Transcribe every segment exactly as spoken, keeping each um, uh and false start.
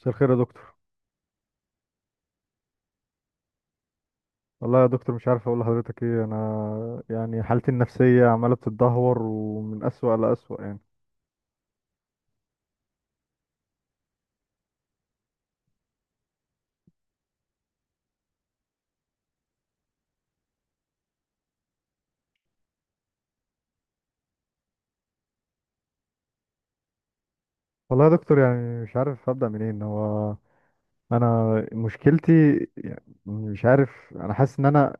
مساء الخير يا دكتور. والله يا دكتور مش عارف اقول لحضرتك ايه، انا يعني حالتي النفسيه عماله بتتدهور ومن اسوأ لاسوأ يعني. والله يا دكتور يعني مش عارف ابدا منين هو. انا مشكلتي، يعني مش عارف، انا حاسس ان انا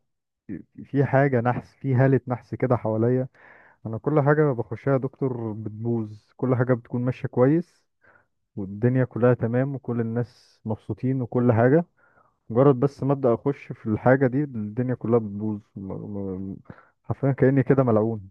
في حاجه نحس، في هاله نحس كده حواليا. انا كل حاجه بخشها يا دكتور بتبوظ، كل حاجه بتكون ماشيه كويس والدنيا كلها تمام وكل الناس مبسوطين وكل حاجه، مجرد بس ما ابدا اخش في الحاجه دي الدنيا كلها بتبوظ. م- م- حرفيا كاني كده ملعون.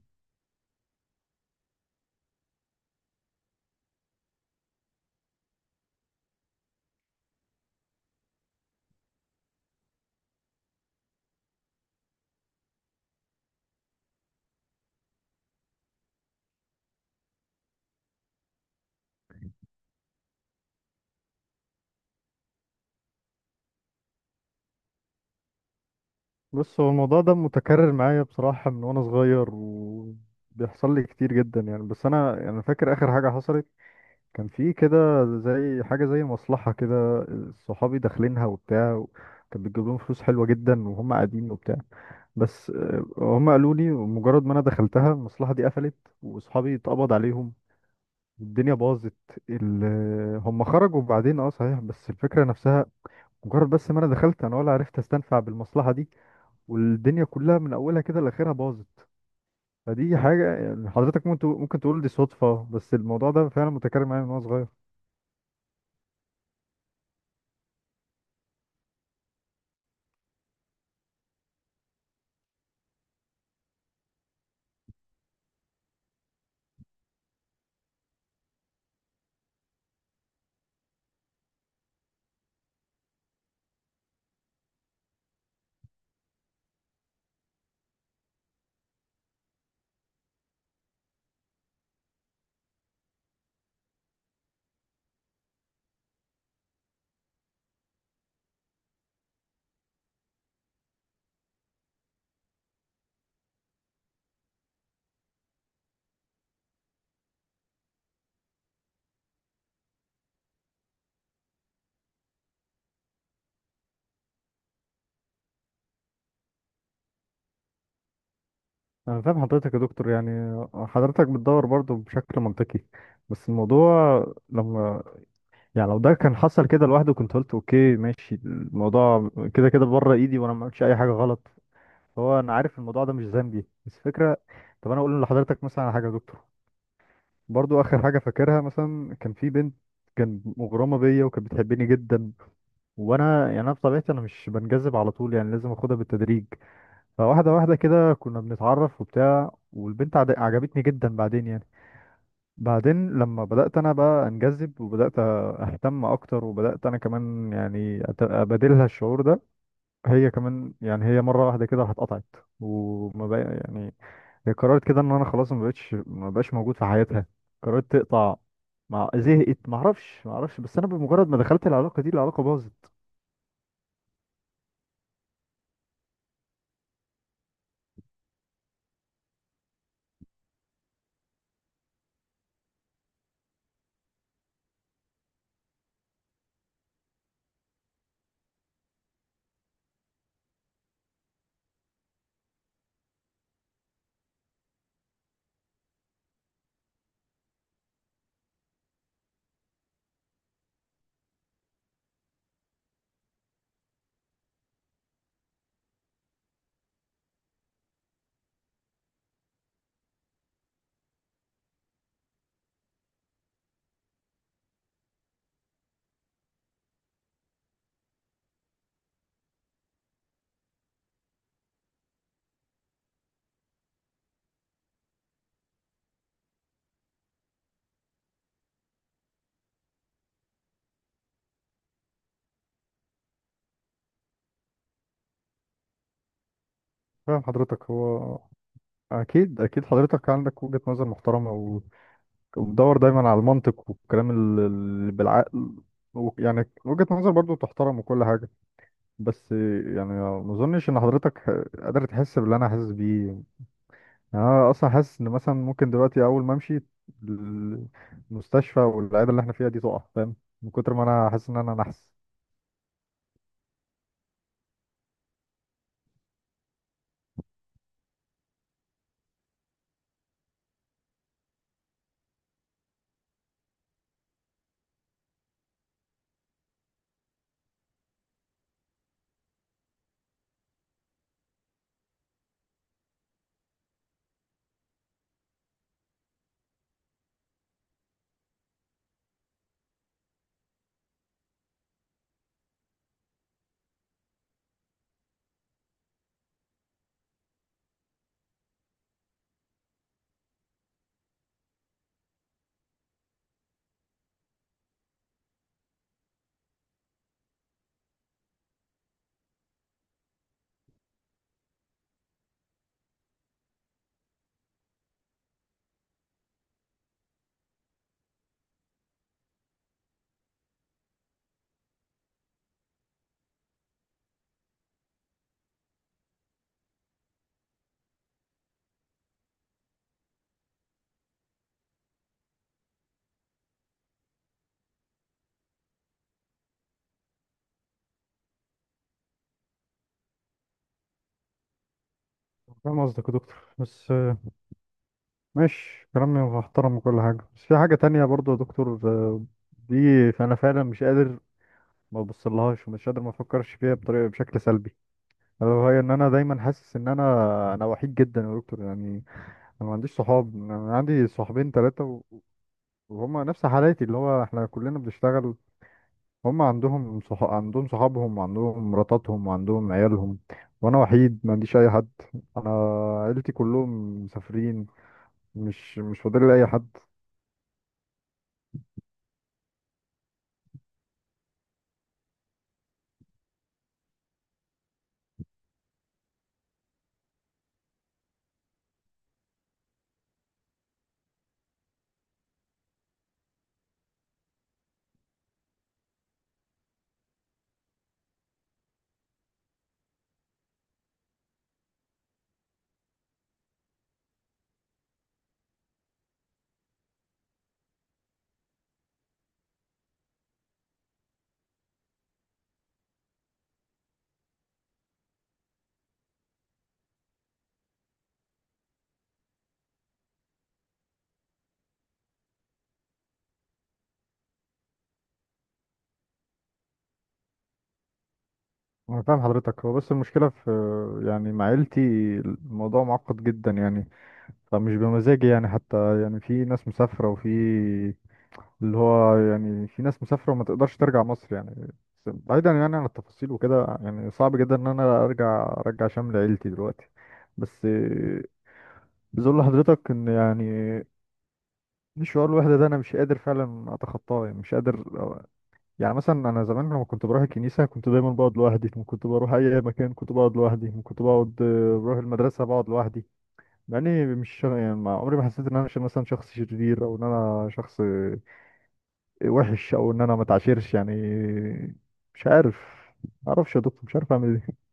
بص، هو الموضوع ده متكرر معايا بصراحه من وانا صغير وبيحصل لي كتير جدا يعني، بس انا يعني فاكر اخر حاجه حصلت، كان في كده زي حاجه زي مصلحه كده، صحابي داخلينها وبتاع، كان بتجيب لهم فلوس حلوه جدا وهم قاعدين وبتاع. بس آه، هم قالوا لي مجرد ما انا دخلتها المصلحه دي قفلت، واصحابي اتقبض عليهم، الدنيا باظت. ال... هم خرجوا بعدين اه صحيح، بس الفكرة نفسها، مجرد بس ما انا دخلت انا ولا عرفت استنفع بالمصلحة دي، والدنيا كلها من اولها كده لاخرها باظت. فدي حاجة يعني حضرتك ممكن تقول- ممكن تقول دي صدفة، بس الموضوع ده فعلا متكرر معايا من وانا صغير. انا فاهم حضرتك يا دكتور، يعني حضرتك بتدور برضه بشكل منطقي. بس الموضوع لما، يعني لو ده كان حصل كده لوحده كنت قلت اوكي ماشي، الموضوع كده كده بره ايدي وانا ما عملتش اي حاجة غلط، هو انا عارف الموضوع ده مش ذنبي، بس فكره. طب انا اقول لحضرتك مثلا على حاجه يا دكتور، برضو اخر حاجه فاكرها، مثلا كان في بنت كان مغرمه بيا وكانت بتحبني جدا، وانا يعني انا بطبيعتي انا مش بنجذب على طول، يعني لازم اخدها بالتدريج. فواحده واحده كده كنا بنتعرف وبتاع، والبنت عد- عجبتني جدا بعدين يعني. بعدين لما بدات انا بقى انجذب وبدات اهتم اكتر وبدات انا كمان يعني أت- ابادلها الشعور ده، هي كمان يعني، هي مره واحده كده هتقطعت وما بقى يعني، هي قررت كده ان انا خلاص ما بقتش ما بقاش موجود في حياتها، قررت تقطع، مع زهقت ما اعرفش ما اعرفش، بس انا بمجرد ما دخلت العلاقه دي العلاقه باظت. فاهم حضرتك، هو أكيد أكيد حضرتك عندك وجهة نظر محترمة، و- وبتدور دايما على المنطق والكلام ال- ال- بالعقل، و- يعني وجهة نظر برضو تحترم وكل حاجة. بس يعني ما أظنش إن حضرتك قادر تحس باللي أنا حاسس بيه. يعني انا اصلا حاسس ان مثلا ممكن دلوقتي اول ما امشي، ال- المستشفى والعياده اللي احنا فيها دي تقع، فاهم، من كتر ما انا حاسس ان انا نحس. فاهم قصدك يا دكتور، بس آه، ماشي، كلامي محترم وكل حاجة بس في حاجة تانية برضو يا دكتور آه، دي فأنا فعلا مش قادر ما ببصلهاش ومش قادر ما أفكرش فيها بطريقة بشكل سلبي، ألا وهي إن أنا دايما حاسس إن أنا أنا وحيد جدا يا دكتور يعني. أنا ما عنديش صحاب، أنا عندي صحابين تلاتة و- وهما نفس حالاتي، اللي هو إحنا كلنا بنشتغل، هم عندهم صح... عندهم صحابهم وعندهم مراتاتهم وعندهم عيالهم، وانا وحيد ما عنديش اي حد. انا عيلتي كلهم مسافرين، مش مش فاضل لي اي حد. انا فاهم حضرتك، هو بس المشكله في، يعني مع عيلتي الموضوع معقد جدا يعني، فمش بمزاجي يعني، حتى يعني في ناس مسافره وفي، اللي هو يعني في ناس مسافره وما تقدرش ترجع مصر يعني، بس بعيدا يعني عن التفاصيل وكده، يعني صعب جدا ان انا ارجع ارجع شمل عيلتي دلوقتي. بس عايز اقول لحضرتك ان يعني، شعور الوحده ده انا مش قادر فعلا اتخطاه يعني، مش قادر. يعني مثلا انا زمان لما كنت بروح الكنيسه كنت دايما بقعد لوحدي، كنت بروح اي مكان كنت بقعد لوحدي، كنت بقعد آه، بروح المدرسه بقعد لوحدي، مع اني مش شا- يعني ما عمري ما حسيت ان انا ش- مثلا شخص شرير، او ان انا شخص آه، وحش، او ان انا ما اتعاشرش يعني. مش عارف، معرفش يا دكتور مش عارف اعمل ايه.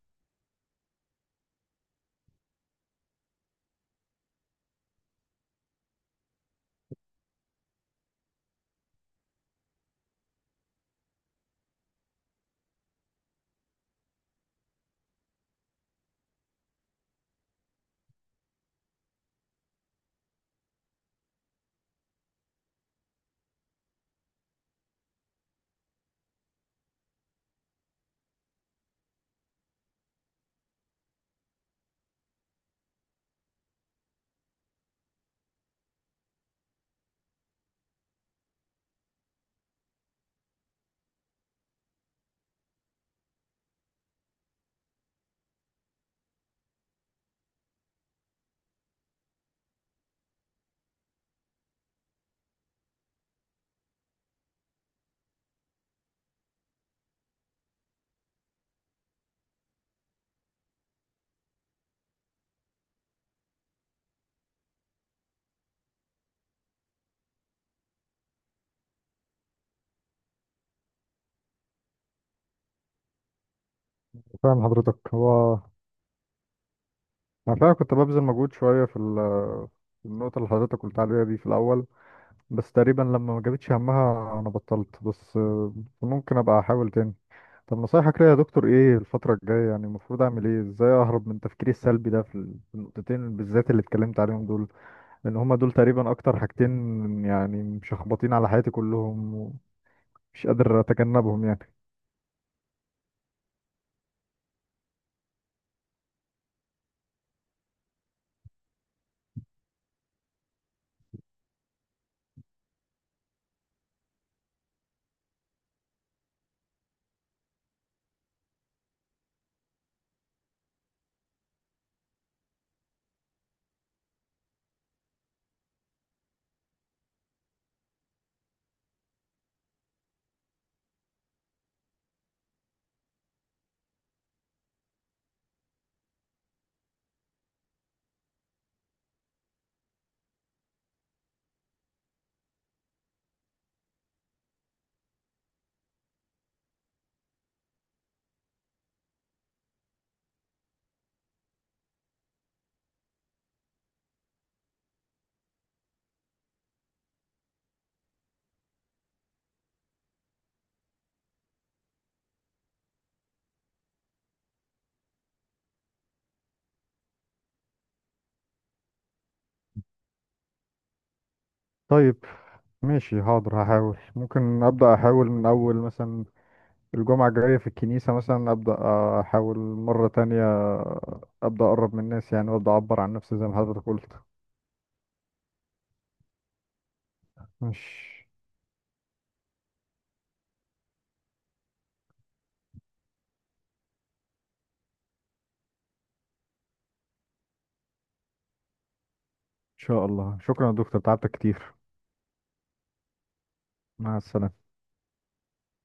فاهم حضرتك، هو انا فعلا كنت ببذل مجهود شويه في ال- في النقطه اللي حضرتك قلت عليها دي في الاول، بس تقريبا لما ما جابتش همها انا بطلت. بس آه، ممكن ابقى احاول تاني. طب نصايحك ليا يا دكتور ايه الفترة الجاية؟ يعني المفروض اعمل ايه؟ ازاي اهرب من تفكيري السلبي ده في ال- في النقطتين بالذات اللي اتكلمت عليهم دول؟ لان هما دول تقريبا اكتر حاجتين يعني مشخبطين على حياتي كلهم، ومش قادر اتجنبهم يعني. طيب، ماشي، حاضر، هحاول. ممكن ابدا احاول من اول مثلا الجمعة الجاية في الكنيسة مثلا، أبدأ أحاول مرة تانية، أبدأ أقرب من الناس يعني، وأبدأ أعبر عن نفسي زي ما حضرتك قلت. مش، إن شاء الله. شكرا يا دكتور، تعبتك كتير. مع السلامة.